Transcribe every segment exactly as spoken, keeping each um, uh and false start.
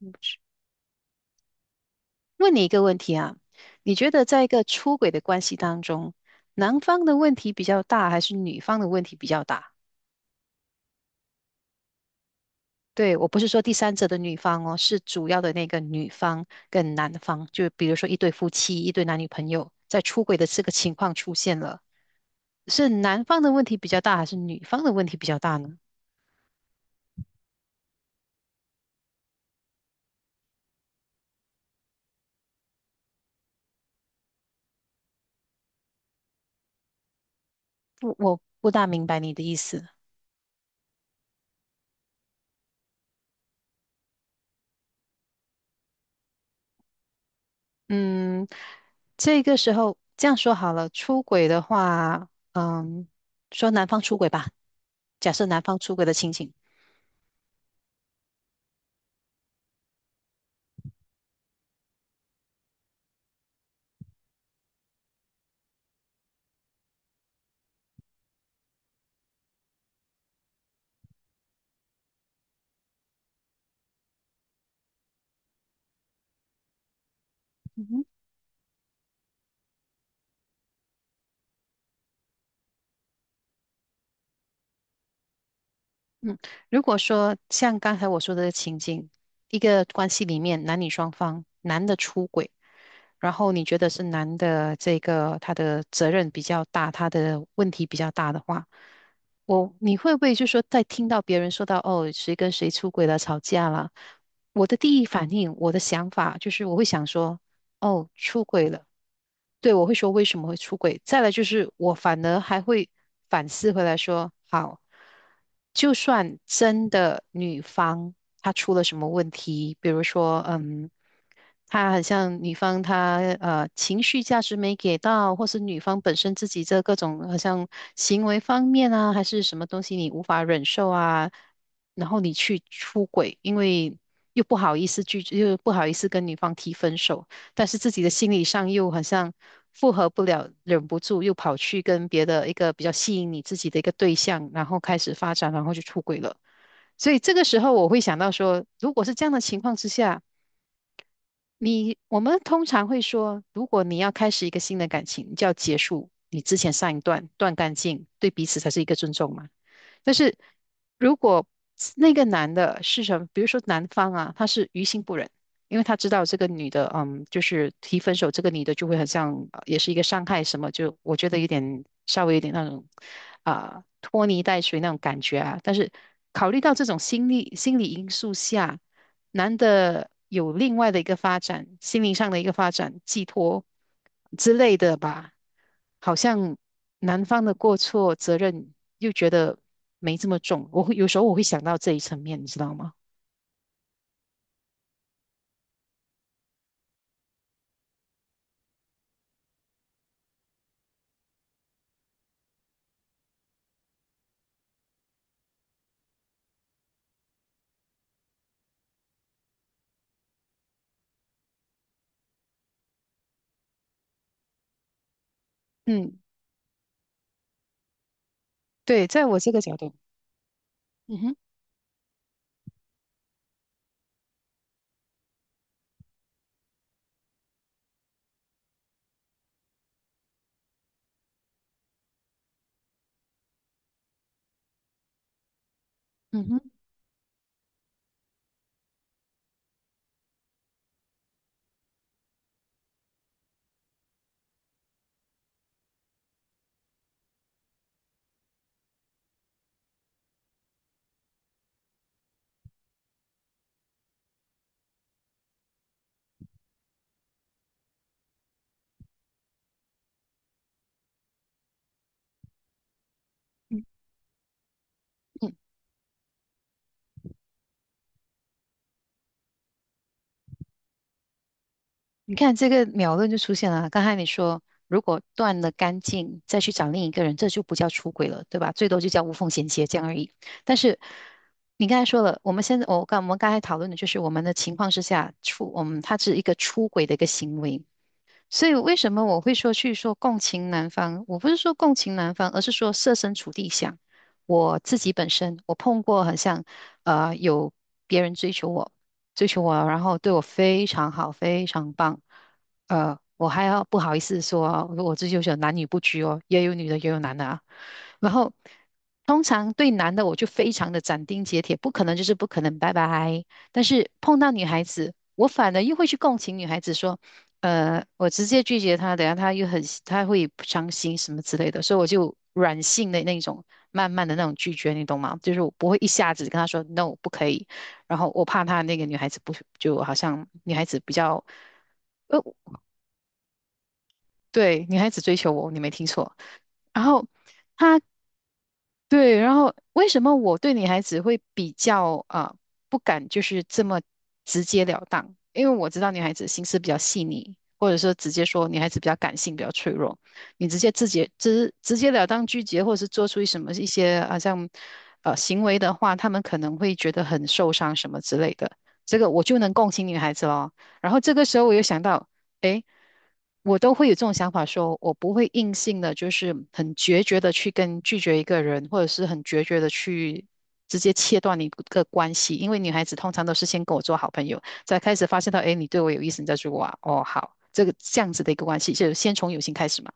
嗯，问你一个问题啊，你觉得在一个出轨的关系当中，男方的问题比较大，还是女方的问题比较大？对，我不是说第三者的女方哦，是主要的那个女方跟男方，就比如说一对夫妻、一对男女朋友，在出轨的这个情况出现了，是男方的问题比较大，还是女方的问题比较大呢？我我不大明白你的意思。嗯，这个时候这样说好了，出轨的话，嗯，说男方出轨吧。假设男方出轨的情景，嗯哼。嗯，如果说像刚才我说的情景，一个关系里面男女双方，男的出轨，然后你觉得是男的这个他的责任比较大，他的问题比较大的话，我你会不会就说在听到别人说到哦谁跟谁出轨了吵架了，我的第一反应，我的想法就是我会想说哦出轨了。对，我会说为什么会出轨。再来就是我反而还会反思回来说，好，就算真的女方她出了什么问题，比如说，嗯，她好像女方她呃情绪价值没给到，或是女方本身自己这各种好像行为方面啊，还是什么东西你无法忍受啊，然后你去出轨，因为又不好意思拒，又不好意思跟女方提分手。但是自己的心理上又好像复合不了，忍不住又跑去跟别的一个比较吸引你自己的一个对象，然后开始发展，然后就出轨了。所以这个时候我会想到说，如果是这样的情况之下，你我们通常会说，如果你要开始一个新的感情，你就要结束你之前上一段，断干净，对彼此才是一个尊重嘛。但是如果那个男的是什么，比如说男方啊，他是于心不忍，因为他知道这个女的，嗯，就是提分手，这个女的就会很像，呃也是一个伤害什么，就我觉得有点稍微有点那种啊、拖泥带水那种感觉啊。但是考虑到这种心理心理因素下，男的有另外的一个发展，心灵上的一个发展，寄托之类的吧。好像男方的过错责任又觉得没这么重，我会有时候我会想到这一层面，你知道吗？嗯，对，在我这个角度，嗯哼。嗯哼。你看这个秒论就出现了啊。刚才你说，如果断了干净，再去找另一个人，这就不叫出轨了，对吧？最多就叫无缝衔接这样而已。但是你刚才说了，我们现在我刚我们刚才讨论的就是我们的情况之下出，我们它是一个出轨的一个行为。所以为什么我会说去说共情男方？我不是说共情男方，而是说设身处地想我自己本身，我碰过很像呃有别人追求我，追求我，然后对我非常好，非常棒，呃，我还要不好意思说我追求者男女不拘哦，也有女的也有男的啊。然后通常对男的我就非常的斩钉截铁，不可能就是不可能，拜拜。但是碰到女孩子，我反而又会去共情女孩子，说，呃，我直接拒绝她，等下她又很她会不伤心什么之类的，所以我就软性的那种，慢慢的那种拒绝，你懂吗？就是我不会一下子跟她说 no 不可以，然后我怕她那个女孩子不就好像女孩子比较。呃，对，女孩子追求我，你没听错。然后她对，然后为什么我对女孩子会比较啊、呃不敢就是这么直截了当？因为我知道女孩子心思比较细腻，或者说直接说女孩子比较感性、比较脆弱。你直接直接直直截了当拒绝，或者是做出什么一些好像呃行为的话，他们可能会觉得很受伤什么之类的。这个我就能共情女孩子咯。然后这个时候我又想到。诶，我都会有这种想法说，我不会硬性的，就是很决绝的去跟拒绝一个人，或者是很决绝的去直接切断一个关系。因为女孩子通常都是先跟我做好朋友，才开始发现到，哎，你对我有意思，你再说我啊。哦，好，这个这样子的一个关系，就先从友情开始嘛。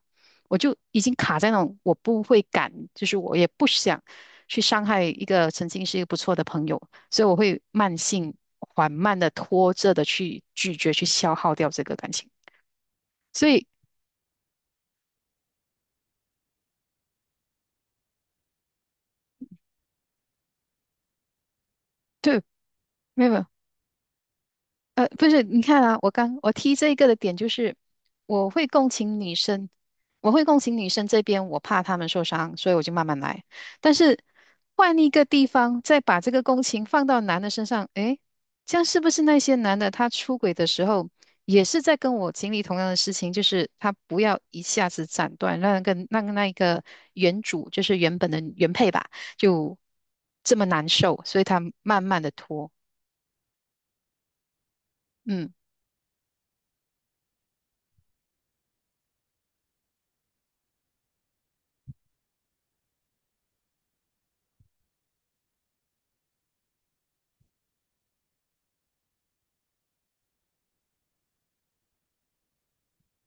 我就已经卡在那种，我不会敢，就是我也不想去伤害一个曾经是一个不错的朋友，所以我会慢性、缓慢的拖着的去拒绝，去消耗掉这个感情。所以对，没有没有，呃，不是，你看啊，我刚我提这一个的点就是，我会共情女生，我会共情女生这边，我怕她们受伤，所以我就慢慢来。但是换一个地方，再把这个共情放到男的身上，诶，这样是不是那些男的他出轨的时候，也是在跟我经历同样的事情，就是他不要一下子斩断，让那个让那一个原主，就是原本的原配吧，就这么难受，所以他慢慢的拖，嗯。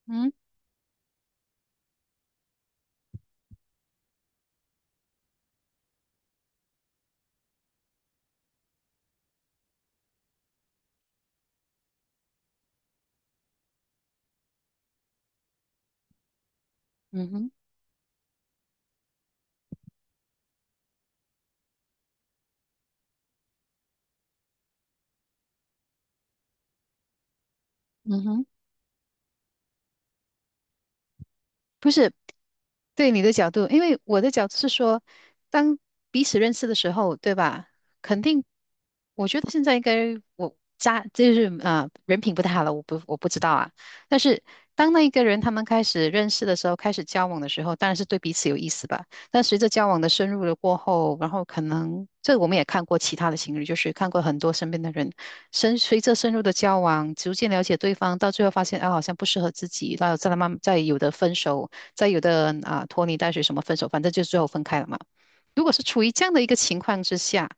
嗯。嗯哼。嗯哼。不是，对你的角度，因为我的角度是说，当彼此认识的时候，对吧？肯定，我觉得现在应该我家就是啊，人品不太好了，我不我不知道啊。但是当那一个人他们开始认识的时候，开始交往的时候，当然是对彼此有意思吧。但随着交往的深入了过后，然后可能这我们也看过其他的情侣，就是看过很多身边的人，深随着深入的交往，逐渐了解对方，到最后发现啊好像不适合自己，然后再慢慢再有的分手。在有的人啊拖泥带水什么分手，反正就最后分开了嘛。如果是处于这样的一个情况之下，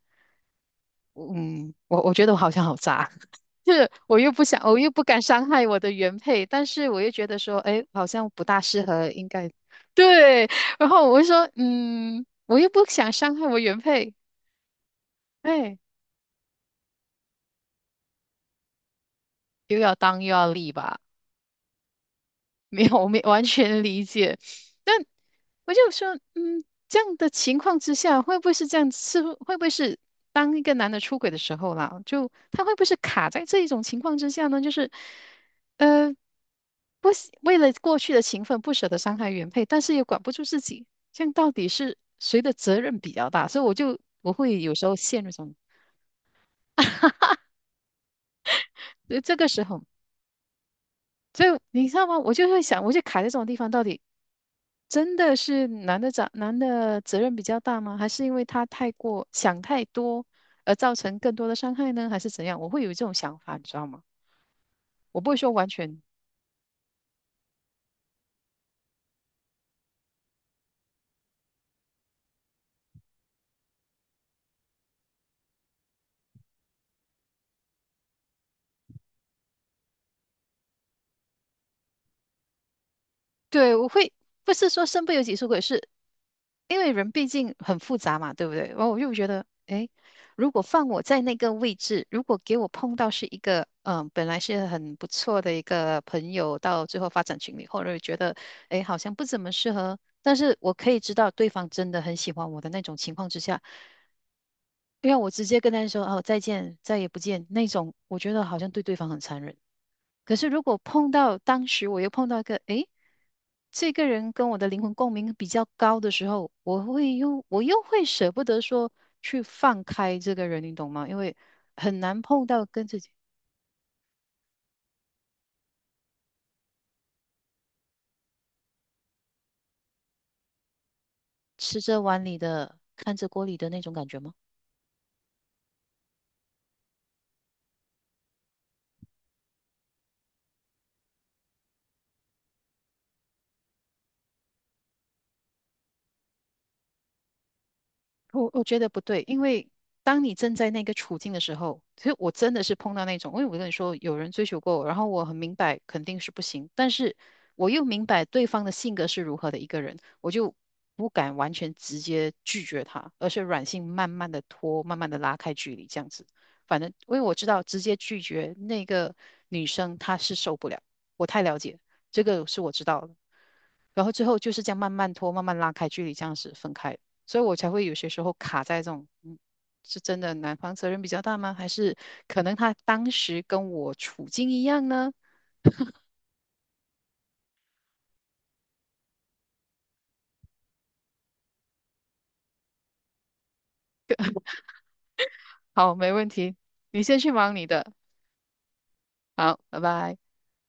嗯，我我觉得我好像好渣，就是我又不想，我又不敢伤害我的原配，但是我又觉得说，哎，好像不大适合，应该对。然后我就说，嗯，我又不想伤害我原配，哎，又要当又要立吧，没有，我没完全理解。但我就说，嗯，这样的情况之下，会不会是这样？是不会不会是当一个男的出轨的时候啦，就他会不会是卡在这一种情况之下呢？就是，呃，不喜，为了过去的情分不舍得伤害原配，但是又管不住自己，这样到底是谁的责任比较大？所以我就我会有时候陷入这种，所以这个时候，所以你知道吗？我就会想，我就卡在这种地方，到底。真的是男的长男的责任比较大吗？还是因为他太过想太多而造成更多的伤害呢？还是怎样？我会有这种想法，你知道吗？我不会说完全对，我会不是说身不由己出轨，是因为人毕竟很复杂嘛，对不对？然后我又觉得，诶，如果放我在那个位置，如果给我碰到是一个，嗯，本来是很不错的一个朋友，到最后发展群里或者觉得，诶，好像不怎么适合，但是我可以知道对方真的很喜欢我的那种情况之下。因为我直接跟他说哦再见，再也不见那种，我觉得好像对对方很残忍。可是如果碰到当时我又碰到一个，诶，这个人跟我的灵魂共鸣比较高的时候，我会又我又会舍不得说去放开这个人，你懂吗？因为很难碰到跟自己吃着碗里的看着锅里的那种感觉吗？我我觉得不对，因为当你正在那个处境的时候，其实我真的是碰到那种，因为我跟你说，有人追求过我，然后我很明白肯定是不行，但是我又明白对方的性格是如何的一个人，我就不敢完全直接拒绝他，而是软性慢慢的拖，慢慢的拉开距离，这样子。反正因为我知道直接拒绝那个女生她是受不了，我太了解，这个是我知道的。然后之后就是这样慢慢拖，慢慢拉开距离，这样子分开。所以我才会有些时候卡在这种，嗯，是真的男方责任比较大吗？还是可能他当时跟我处境一样呢？好，没问题，你先去忙你的，好，拜拜。